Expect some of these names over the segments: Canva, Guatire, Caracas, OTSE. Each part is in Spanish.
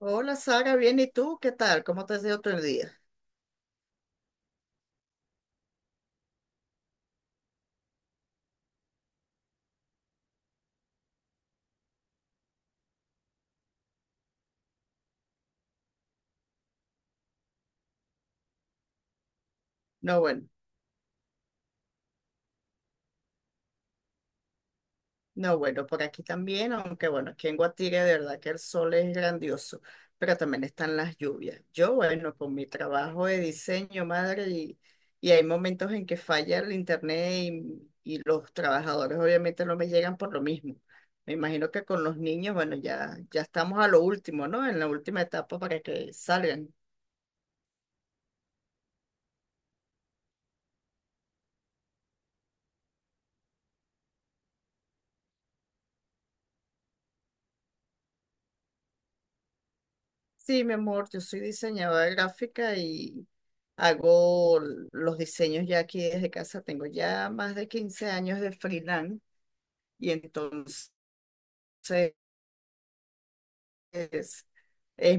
Hola Sara, bien, ¿y tú? ¿Qué tal? ¿Cómo te has ido tu día? No, bueno, no, bueno, por aquí también, aunque bueno, aquí en Guatire de verdad que el sol es grandioso, pero también están las lluvias. Yo, bueno, con mi trabajo de diseño, madre, y hay momentos en que falla el internet y los trabajadores obviamente no me llegan por lo mismo. Me imagino que con los niños, bueno, ya, ya estamos a lo último, ¿no? En la última etapa para que salgan. Sí, mi amor, yo soy diseñadora gráfica y hago los diseños ya aquí desde casa. Tengo ya más de 15 años de freelance y entonces es-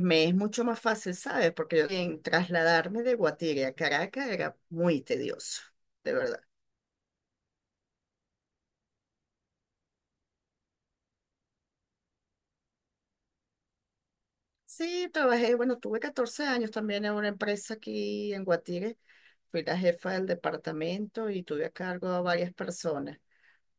me es mucho más fácil, ¿sabes? Porque yo en trasladarme de Guatire a Caracas era muy tedioso, de verdad. Sí, trabajé, bueno, tuve 14 años también en una empresa aquí en Guatire. Fui la jefa del departamento y tuve a cargo a varias personas.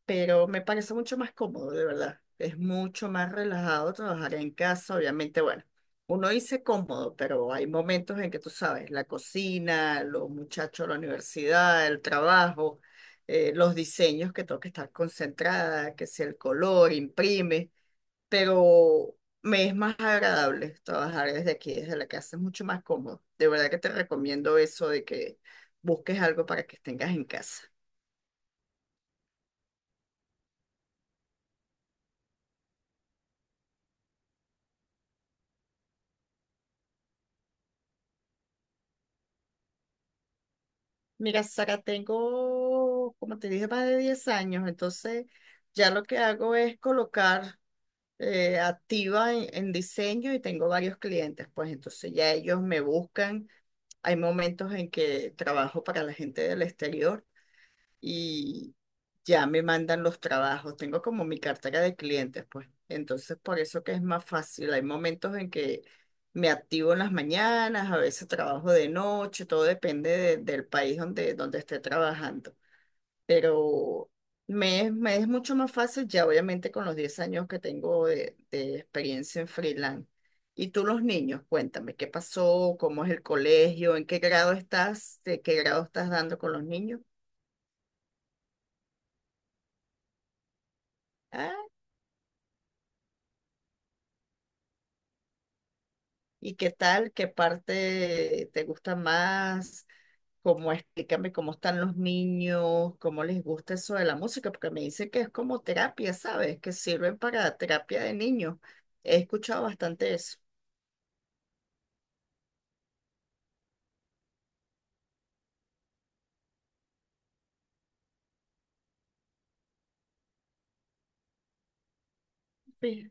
Pero me parece mucho más cómodo, de verdad. Es mucho más relajado trabajar en casa, obviamente, bueno, uno dice cómodo, pero hay momentos en que tú sabes, la cocina, los muchachos, la universidad, el trabajo, los diseños que tengo que estar concentrada, que si el color, imprime, pero me es más agradable trabajar desde aquí, desde la casa, es mucho más cómodo. De verdad que te recomiendo eso de que busques algo para que tengas en casa. Mira, Sara, tengo, como te dije, más de 10 años, entonces ya lo que hago es colocar activa en diseño y tengo varios clientes, pues entonces ya ellos me buscan. Hay momentos en que trabajo para la gente del exterior y ya me mandan los trabajos. Tengo como mi cartera de clientes, pues. Entonces, por eso que es más fácil. Hay momentos en que me activo en las mañanas, a veces trabajo de noche, todo depende del país donde, donde esté trabajando. Pero me es mucho más fácil ya, obviamente, con los 10 años que tengo de experiencia en freelance. Y tú los niños, cuéntame, ¿qué pasó? ¿Cómo es el colegio? ¿En qué grado estás? ¿De qué grado estás dando con los niños? Ah, ¿y qué tal? ¿Qué parte te gusta más? ¿Cómo explícame cómo están los niños? ¿Cómo les gusta eso de la música? Porque me dicen que es como terapia, ¿sabes? Que sirven para terapia de niños. He escuchado bastante eso. Sí,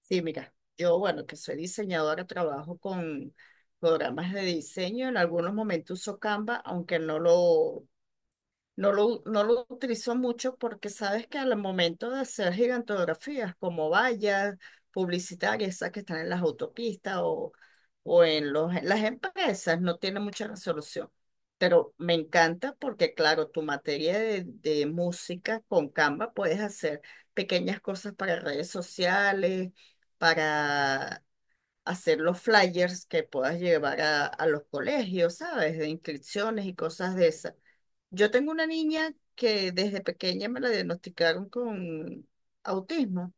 sí, mira, yo, bueno, que soy diseñadora, trabajo con programas de diseño. En algunos momentos uso Canva, aunque no lo utilizo mucho porque sabes que al momento de hacer gigantografías como vallas publicitarias, esas que están en las autopistas o en las empresas, no tiene mucha resolución. Pero me encanta porque, claro, tu materia de música con Canva puedes hacer pequeñas cosas para redes sociales, para hacer los flyers que puedas llevar a los colegios, ¿sabes? De inscripciones y cosas de esas. Yo tengo una niña que desde pequeña me la diagnosticaron con autismo.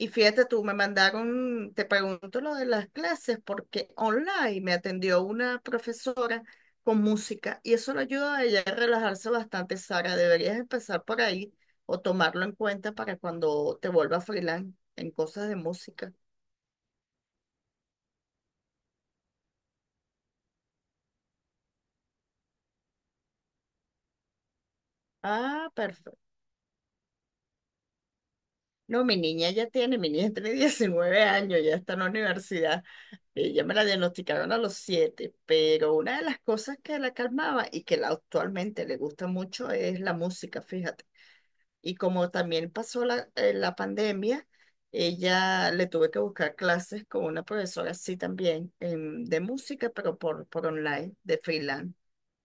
Y fíjate tú, me mandaron, te pregunto lo de las clases, porque online me atendió una profesora con música y eso le ayuda a ella a relajarse bastante, Sara. Deberías empezar por ahí o tomarlo en cuenta para cuando te vuelvas freelance en cosas de música. Ah, perfecto. No, mi niña ya tiene, mi niña tiene 19 años, ya está en la universidad. Ella me la diagnosticaron a los 7, pero una de las cosas que la calmaba y que la actualmente le gusta mucho es la música, fíjate. Y como también pasó la pandemia, ella le tuve que buscar clases con una profesora así también de música, pero por online, de freelance.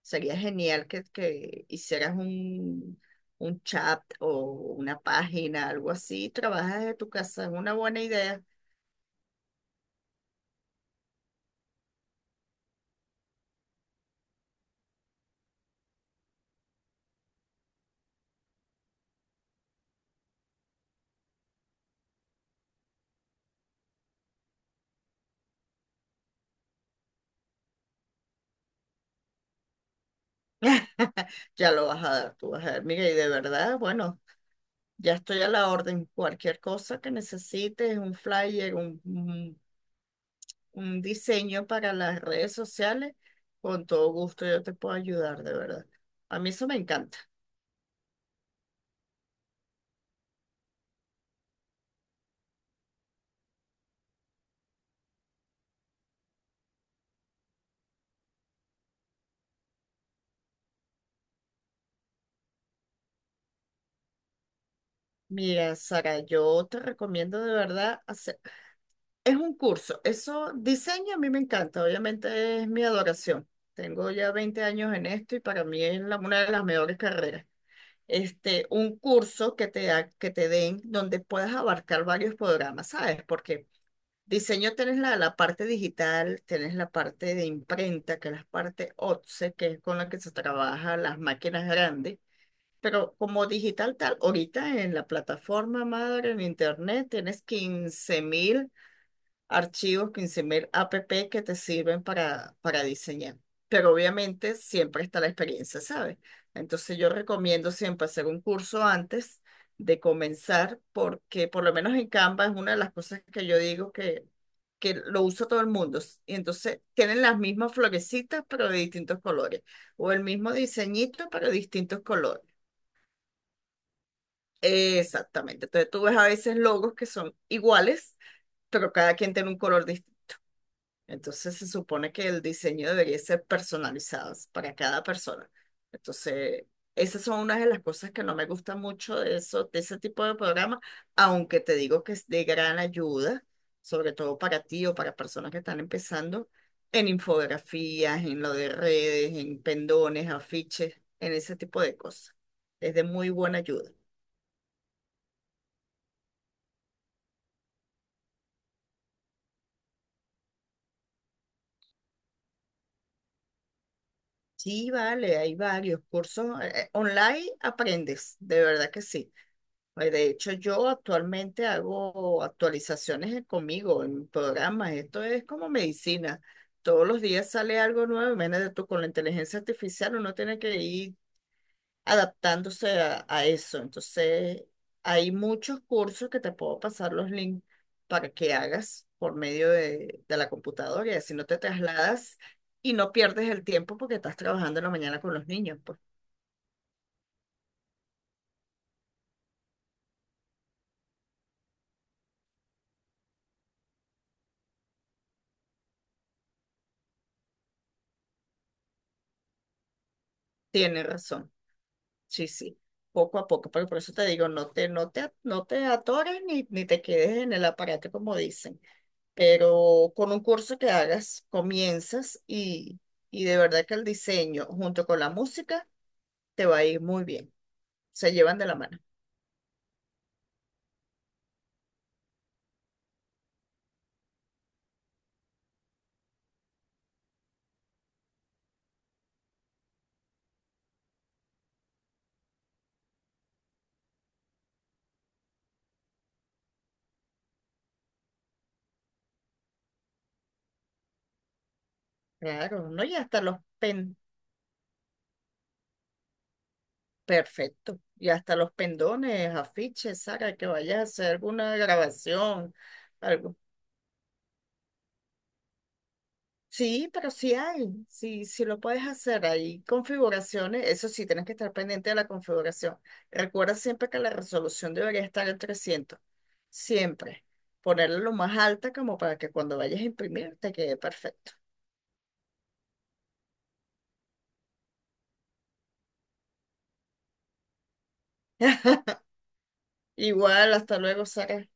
Sería genial que hicieras un chat o una página, algo así. Trabajas de tu casa, es una buena idea. Ya lo vas a dar, tú vas a ver. Mira, y de verdad, bueno, ya estoy a la orden. Cualquier cosa que necesites, un flyer, un diseño para las redes sociales, con todo gusto yo te puedo ayudar, de verdad. A mí eso me encanta. Mira, Sara, yo te recomiendo de verdad hacer es un curso. Eso, diseño a mí me encanta, obviamente es mi adoración. Tengo ya 20 años en esto y para mí es una de las mejores carreras. Este, un curso que que te den donde puedas abarcar varios programas, ¿sabes? Porque diseño tienes la parte digital, tienes la parte de imprenta, que es la parte OTSE, que es con la que se trabaja las máquinas grandes. Pero como digital tal, ahorita en la plataforma madre, en internet, tienes 15.000 archivos 15.000 app que te sirven para diseñar. Pero obviamente siempre está la experiencia, ¿sabes? Entonces yo recomiendo siempre hacer un curso antes de comenzar porque por lo menos en Canva es una de las cosas que yo digo que lo usa todo el mundo. Y entonces tienen las mismas florecitas pero de distintos colores o el mismo diseñito pero de distintos colores. Exactamente. Entonces tú ves a veces logos que son iguales, pero cada quien tiene un color distinto. Entonces se supone que el diseño debería ser personalizado para cada persona. Entonces, esas son unas de las cosas que no me gusta mucho de eso, de ese tipo de programas, aunque te digo que es de gran ayuda, sobre todo para ti o para personas que están empezando en infografías, en lo de redes, en pendones, afiches, en ese tipo de cosas. Es de muy buena ayuda. Sí, vale, hay varios cursos online, aprendes, de verdad que sí. Pues, de hecho, yo actualmente hago actualizaciones conmigo en programas. Esto es como medicina. Todos los días sale algo nuevo. Imagínate tú, con la inteligencia artificial uno tiene que ir adaptándose a eso. Entonces, hay muchos cursos que te puedo pasar los links para que hagas por medio de la computadora y así no te trasladas y no pierdes el tiempo porque estás trabajando en la mañana con los niños. Pues tienes razón. Sí, sí, poco a poco, pero por eso te digo, no te atores ni te quedes en el aparato, como dicen, pero con un curso que hagas, comienzas y de verdad que el diseño junto con la música te va a ir muy bien, se llevan de la mano. Claro, ¿no? Perfecto. Y hasta los pendones, afiches, Sara, que vayas a hacer alguna grabación, algo. Sí, pero sí hay, sí, sí lo puedes hacer. Hay configuraciones, eso sí, tienes que estar pendiente de la configuración. Recuerda siempre que la resolución debería estar en 300, siempre. Ponerla lo más alta como para que cuando vayas a imprimir te quede perfecto. Igual, hasta luego, Sara.